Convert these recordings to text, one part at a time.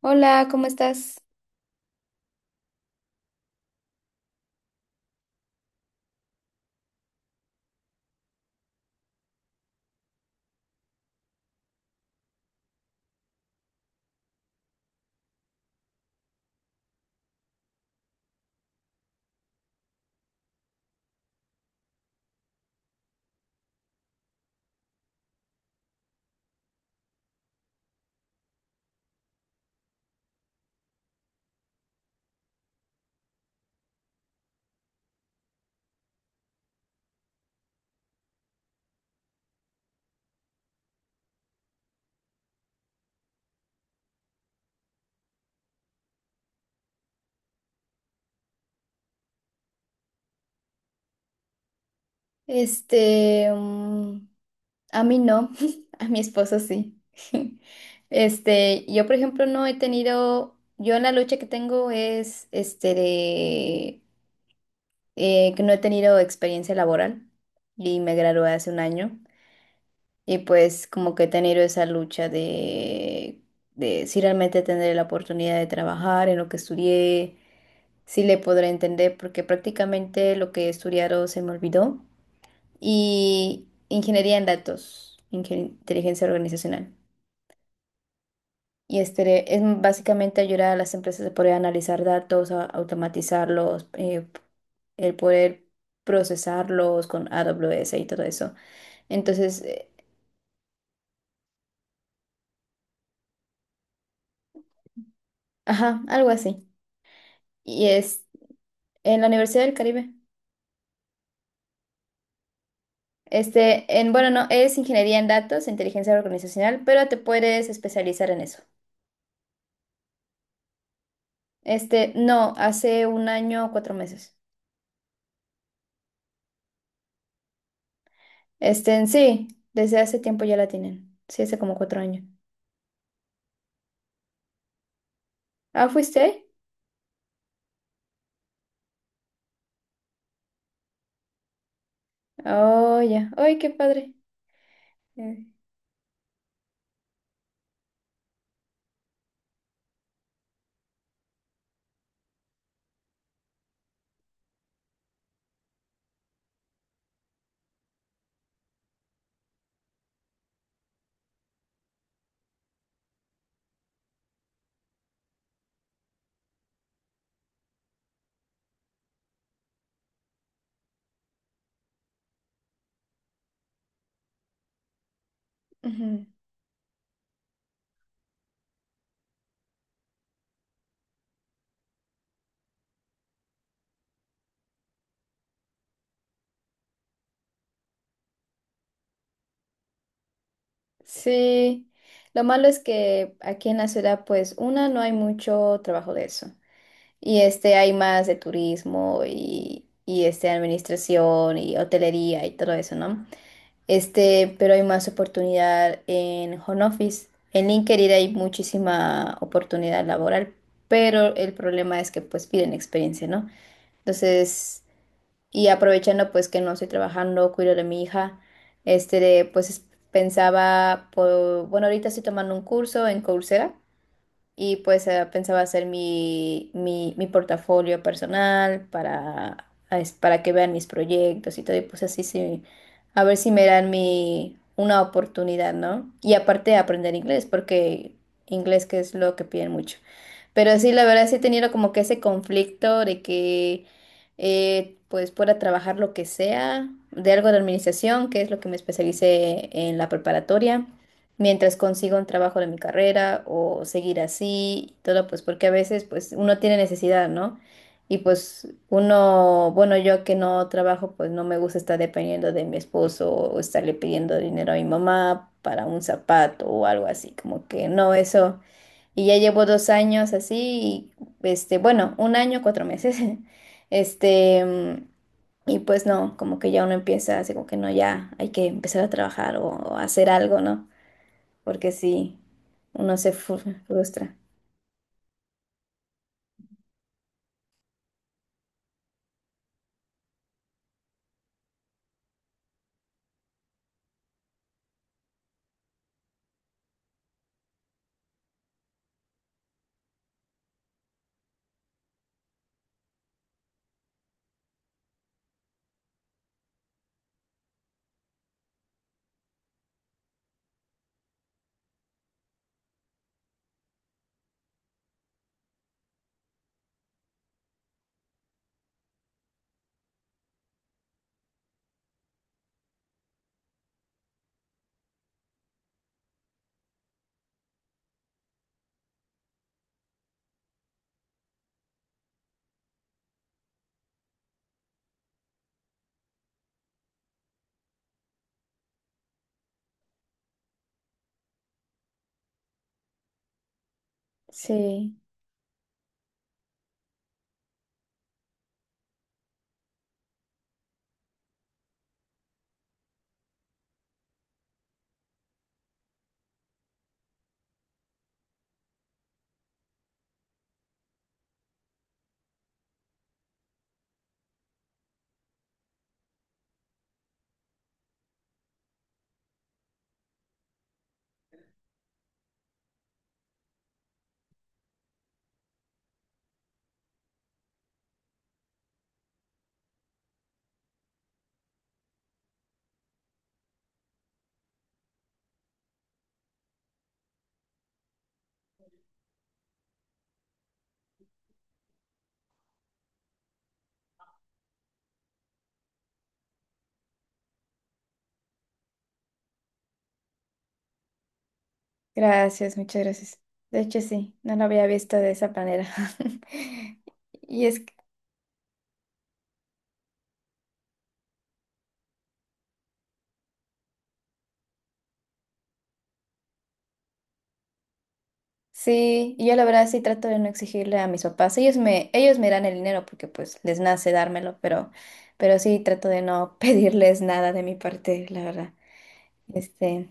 Hola, ¿cómo estás? Este, mm, a mí no, a mi esposo sí. Yo por ejemplo no he tenido, yo en la lucha que tengo es, que no he tenido experiencia laboral y me gradué hace un año y pues como que he tenido esa lucha de si realmente tendré la oportunidad de trabajar en lo que estudié, si le podré entender porque prácticamente lo que he estudiado se me olvidó. Y ingeniería en datos, inteligencia organizacional. Y este es básicamente ayudar a las empresas a poder analizar datos, a automatizarlos, el poder procesarlos con AWS y todo eso. Entonces, ajá, algo así. Y es en la Universidad del Caribe. Bueno, no, es ingeniería en datos, inteligencia organizacional, pero te puedes especializar en eso. No, hace un año o cuatro meses. En sí, desde hace tiempo ya la tienen. Sí, hace como cuatro años. Ah, ¿fuiste ahí? Oh, ya. ¡Ay, qué padre! Eh, ujú. Sí. Lo malo es que aquí en la ciudad, pues, una, no hay mucho trabajo de eso. Y hay más de turismo y, administración y hotelería y todo eso, ¿no? Pero hay más oportunidad en home office. En LinkedIn hay muchísima oportunidad laboral, pero el problema es que pues piden experiencia, ¿no? Entonces, y aprovechando pues que no estoy trabajando, cuido de mi hija, este, de, pues es- pensaba, bueno, ahorita estoy tomando un curso en Coursera y pues pensaba hacer mi portafolio personal para, para que vean mis proyectos y todo, y pues así sí, a ver si me dan mi, una oportunidad, ¿no? Y aparte aprender inglés, porque inglés que es lo que piden mucho. Pero sí, la verdad sí he tenido como que ese conflicto de que pues pueda trabajar lo que sea, de algo de administración, que es lo que me especialicé en la preparatoria, mientras consigo un trabajo de mi carrera o seguir así, y todo pues porque a veces pues uno tiene necesidad, ¿no? Y pues uno, bueno, yo que no trabajo, pues no me gusta estar dependiendo de mi esposo o estarle pidiendo dinero a mi mamá para un zapato o algo así, como que no, eso. Y ya llevo dos años así, y, bueno, un año, cuatro meses. Este, mm, y pues no, como que ya uno empieza así como que no, ya hay que empezar a trabajar o hacer algo, ¿no? Porque sí, uno se fu- frustra. Sí, gracias, muchas gracias. De hecho, sí, no lo había visto de esa manera. Y es Sí, y yo la verdad sí trato de no exigirle a mis papás. Ellos me dan el dinero porque pues les nace dármelo, pero sí trato de no pedirles nada de mi parte, la verdad. Este,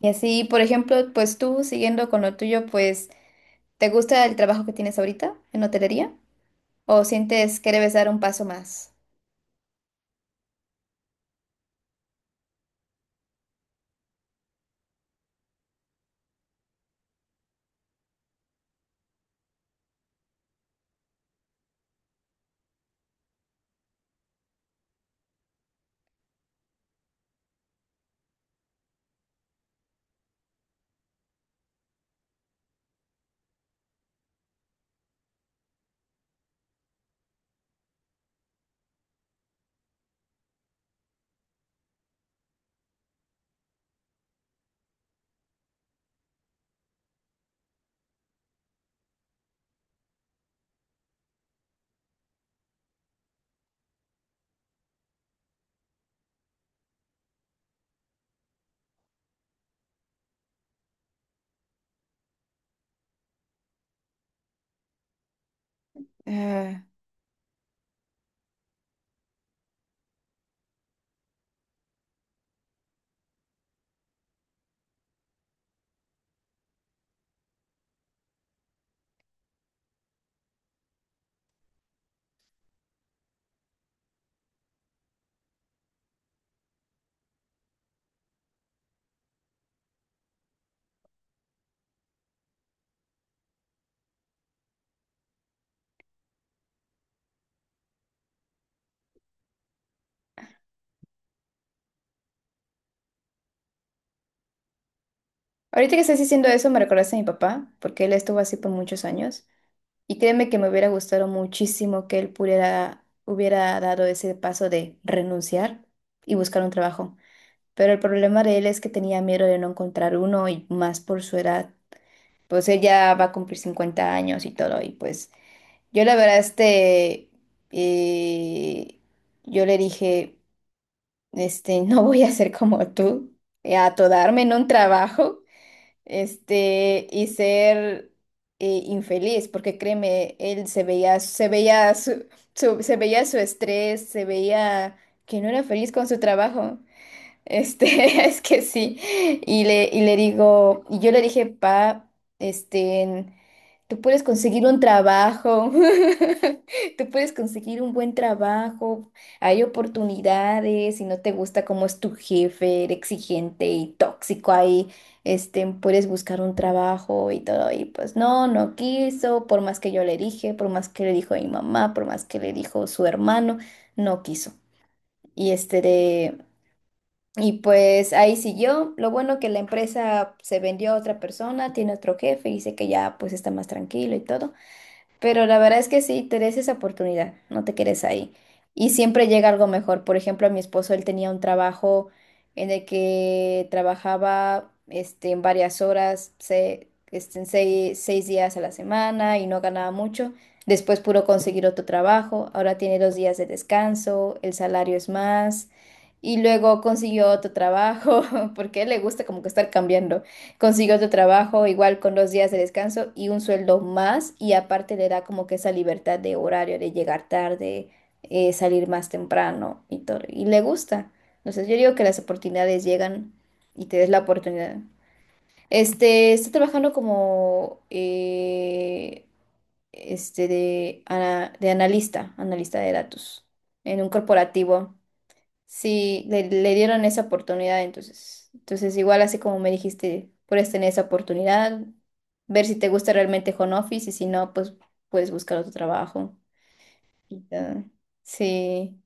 y así, por ejemplo, pues tú siguiendo con lo tuyo, pues, ¿te gusta el trabajo que tienes ahorita en hotelería? ¿O sientes que debes dar un paso más? Ah, ahorita que estás diciendo eso, me recordaste a mi papá, porque él estuvo así por muchos años. Y créeme que me hubiera gustado muchísimo que él pudiera, hubiera dado ese paso de renunciar y buscar un trabajo. Pero el problema de él es que tenía miedo de no encontrar uno y más por su edad. Pues él ya va a cumplir 50 años y todo. Y pues yo la verdad, eh, yo le dije, no voy a ser como tú, a atodarme en un trabajo y ser infeliz, porque créeme, se veía su, se veía su estrés, se veía que no era feliz con su trabajo. Es que sí. Y yo le dije, pa, este, tú puedes conseguir un trabajo, tú puedes conseguir un buen trabajo, hay oportunidades, si no te gusta cómo es tu jefe, era exigente y tóxico ahí, puedes buscar un trabajo y todo. Y pues no, no quiso, por más que yo le dije, por más que le dijo mi mamá, por más que le dijo su hermano, no quiso. Y este de... Y pues ahí siguió. Lo bueno que la empresa se vendió a otra persona, tiene otro jefe dice que ya pues está más tranquilo y todo. Pero la verdad es que sí, te des esa oportunidad, no te quedes ahí. Y siempre llega algo mejor. Por ejemplo, a mi esposo, él tenía un trabajo en el que trabajaba en varias horas, en seis días a la semana y no ganaba mucho. Después pudo conseguir otro trabajo, ahora tiene dos días de descanso, el salario es más. Y luego consiguió otro trabajo, porque a él le gusta como que estar cambiando. Consigue otro trabajo igual con dos días de descanso y un sueldo más y aparte le da como que esa libertad de horario, de llegar tarde, salir más temprano y todo. Y le gusta. Entonces yo digo que las oportunidades llegan y te des la oportunidad. Está trabajando como de analista, analista de datos en un corporativo. Sí, le dieron esa oportunidad, entonces. Entonces, igual así como me dijiste, puedes tener esa oportunidad, ver si te gusta realmente home office y si no, pues puedes buscar otro trabajo. Y ya. Sí.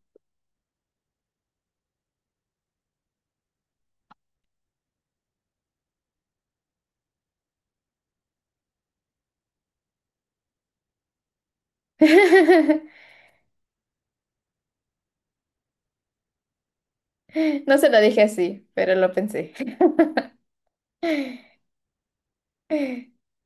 No se lo dije así, pero lo pensé.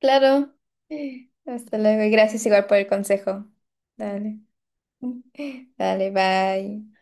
Claro. Hasta luego y gracias igual por el consejo. Dale. Dale, bye.